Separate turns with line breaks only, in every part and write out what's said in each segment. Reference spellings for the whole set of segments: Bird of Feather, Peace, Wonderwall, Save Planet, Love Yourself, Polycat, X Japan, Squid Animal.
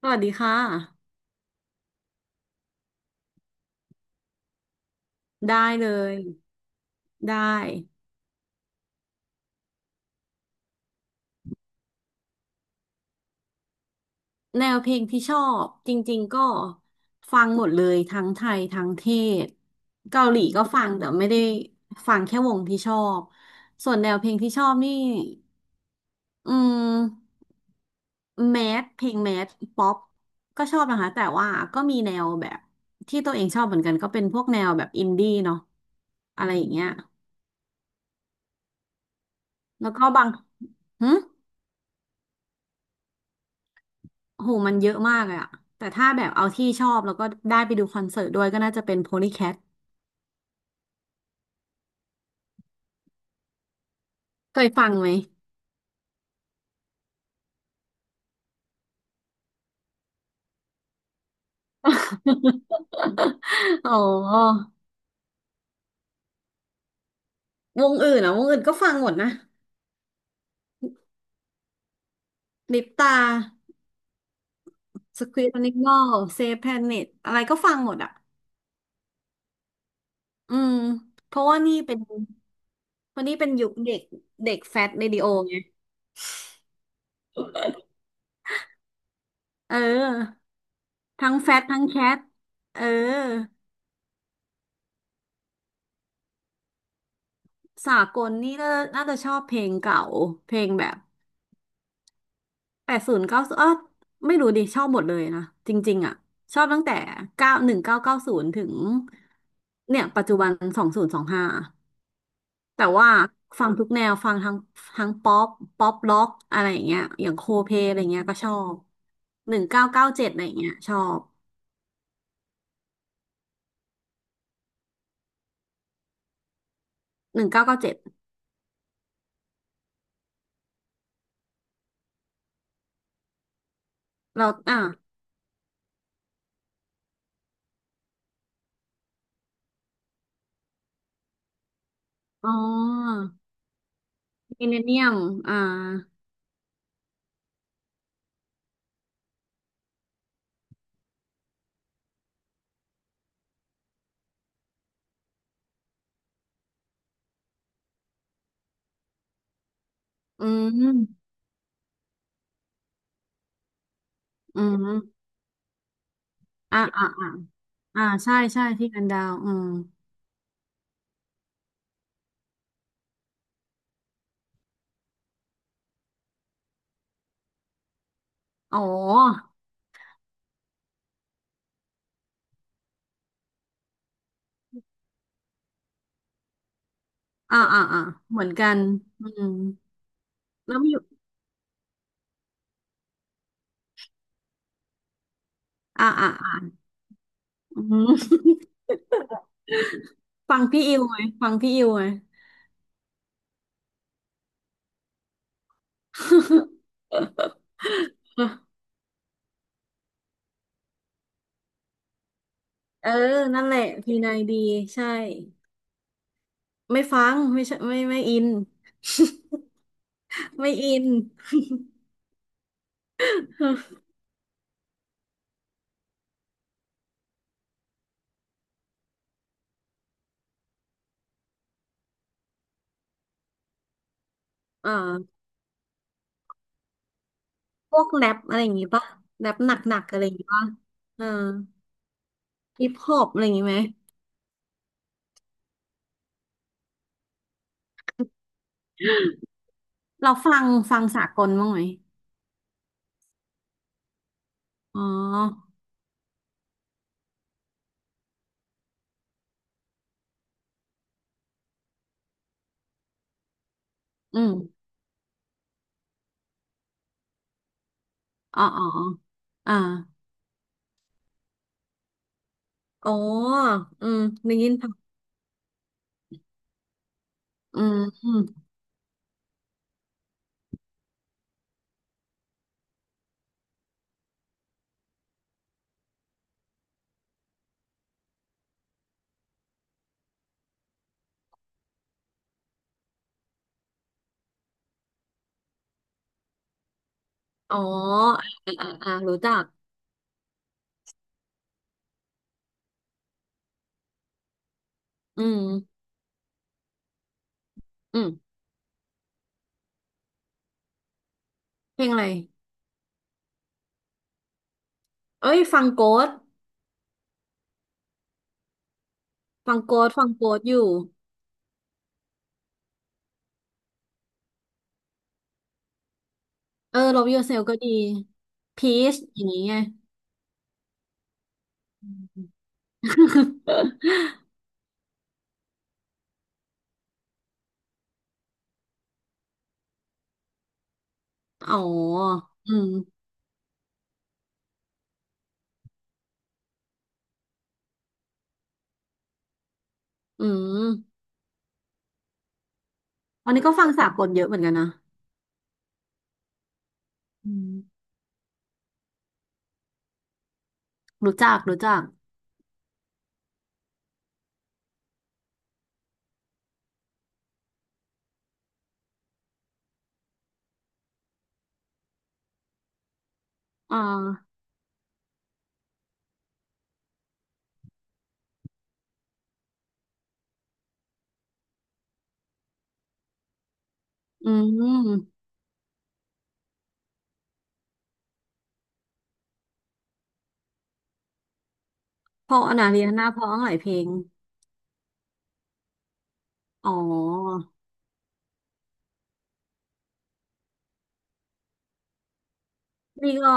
สวัสดีค่ะได้เลยได้แนวเพลงที่ชอบจริงๆก็ฟังหมดเลยทั้งไทยทั้งเทศเกาหลีก็ฟังแต่ไม่ได้ฟังแค่วงที่ชอบส่วนแนวเพลงที่ชอบนี่อืมแมสเพลงแมสป๊อปก็ชอบนะคะแต่ว่าก็มีแนวแบบที่ตัวเองชอบเหมือนกันก็เป็นพวกแนวแบบอินดี้เนาะอะไรอย่างเงี้ยแล้วก็บางหึ โหมันเยอะมากเลยอะแต่ถ้าแบบเอาที่ชอบแล้วก็ได้ไปดูคอนเสิร์ตด้วยก็น่าจะเป็น Polycat เคยฟังไหม อ๋อวงอื่นอ่ะ วงอื่นก็ฟังหมดนะลิปตา Squid Animal Save Planet อะไรก็ฟังหมดอ่ะ อืม เพราะว่านี่เป็นเพราะนี่เป็นยุคเด็กเด็กแฟตเรดิโอไงเออทั้งแฟตทั้งแคทเออสากลนี่น่าจะชอบเพลงเก่าเพลงแบบ 80เก้าเอ้อไม่รู้ดิชอบหมดเลยนะจริงๆอ่ะชอบตั้งแต่1990ถึงเนี่ยปัจจุบัน2025แต่ว่าฟังทุกแนวฟังทั้งป๊อปล็อกอะไรอย่างเงี้ยอย่างโคเพอะไรเงี้ยก็ชอบหนึ่งเก้าเก้าเจ็ดอะไรเงี้ยชอบหนึ่งเก้าเก้าเจ็ดเราอ่ะอ๋อมิเลเนียมอ่าอืมอืมอ่าอ่าอ่าอ่าใช่ใช่ที่กันดาวอืมอ๋อ อ่าอ่าอ่าเหมือนกันอืมแล้วมีอยู่อ่าอ่าอ่าอืมฟังพี่อิวไหมฟังพี่อิวไหม เออนั่นแหละพีนายดีใช่ไม่ฟังไม่ใช่ไม่อิน ไม่อิน เอ่อพวกแรปอะไรอย่างงี้ป่ะแรปหนักๆอะไรอย่างงี้ป่ะเออฮิปฮอปอะไรอย่างงี้ไหมเราฟังฟังสากลบ้างไหมอ๋ออืมอ๋ออ๋ออ๋ออ่าอ๋ออืมได้ยินป่ะอืม อ๋ออ่าอ่าอ่ารู้จักอืมอืมเพลงอะไรเอ้ยสฟังโกสอยู่เออ Love Yourself ก็ดี Peace อย่างนี้ไงอม อ๋ออืมอืมอันนี้ก็ฟังสากลเยอะเหมือนกันนะอืมรู้จักรู้จักอ่าอืมเพราะอนาเรียนาเพราะหลายเพลงอ๋อนี่ก็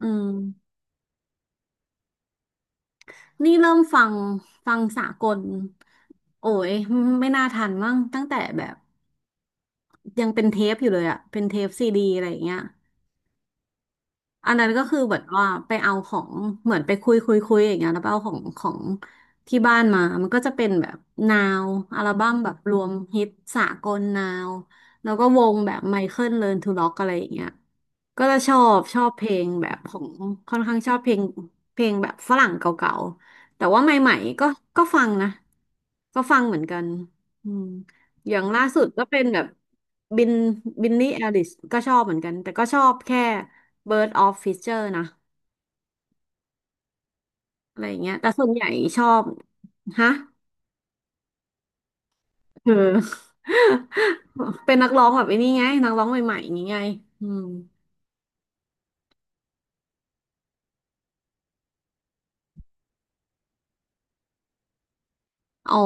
อืม นี่เริ่มฟังฟังสากล โอ้ยไม่น่าทันมั้งตั้งแต่แบบยังเป็นเทปอยู่เลยอะเป็นเทปซีดีอะไรอย่างเงี้ย อันนั้นก็คือเหมือนว่าไปเอาของเหมือนไปคุยคุยอย่างเงี้ยแล้วไปเอาของของที่บ้านมา มันก็จะเป็นแบบนาวอัลบั้มแบบรวมฮิตสากลนาวแล้วก็วงแบบไมเคิลเลิร์นทูร็อกอะไรอย่างเงี้ยก็จะชอบเพลงแบบของค่อนข้างชอบเพลงเพลงแบบฝรั่งเก่าๆแต่ว่าใหม่ๆก็ก็ฟังนะก็ฟังเหมือนกันอืม อย่างล่าสุดก็เป็นแบบบินบินนี่แอลิสก็ชอบเหมือนกันแต่ก็ชอบแค่ Bird of Feather นะอะไรอย่างเงี้ยแต่ส่วนใหญ่ชอบฮะเออ เป็นนักร้องแบบไอ้นี่ไงนักร้องใหม่ๆอย่างงี้ไงอืมอ๋อ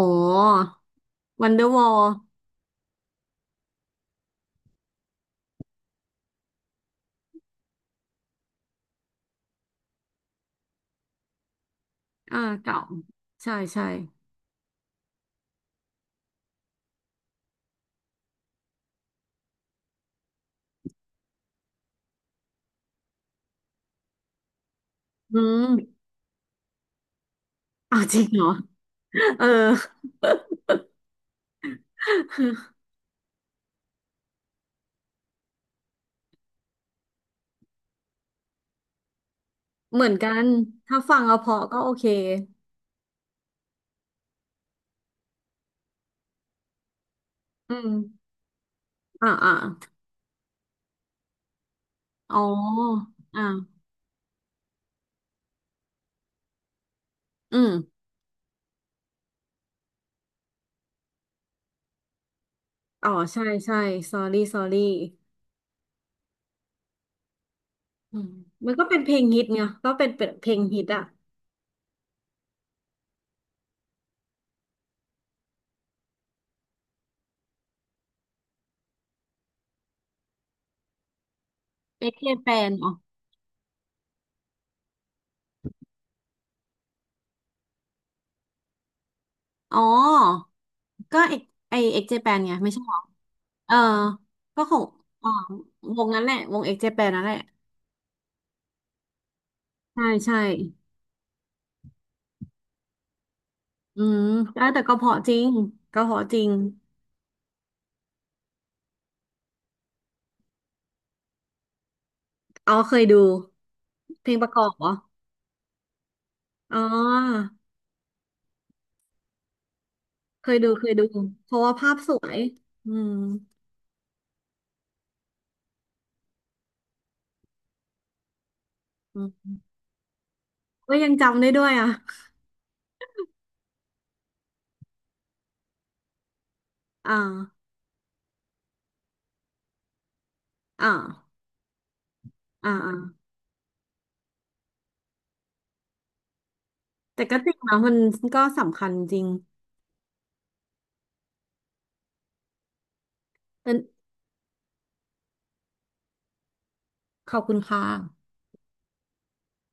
Wonderwall อ่าเก่าใช่ใช่อืมอ้าวจริงเหรอ เออเหมือนกันถ้าฟังเอาเพอก็โอเคอืมอ่าอ่าอ๋ออ่าอืม อ๋อใช่ใช่ sorry sorry อืมมันก็เป็นเพลงฮิตไงก็เป็นเพลงฮิตอ่ะเอ็กเจแปนอ๋ออ๋อ ก็เอกไอเอ็กเจแปนไงไม่ใช่หรอเออ ก็ของอ๋อวงนั้นแหละวงเอ็กเจแปนนั่นแหละใช่ใช่อืมแล้วแต่ก็เพราะจริงก็เพราะจริงอ๋อเคยดูเพลงประกอบเหรออ๋อเคยดูเพราะว่าภาพสวยอืมอืมก็ยังจำได้ด้วยอ่ะอ่าอ่าอ่าอ แต่ก็จริงนะมันก็สำคัญจริงเป็นขอบคุณค่ะ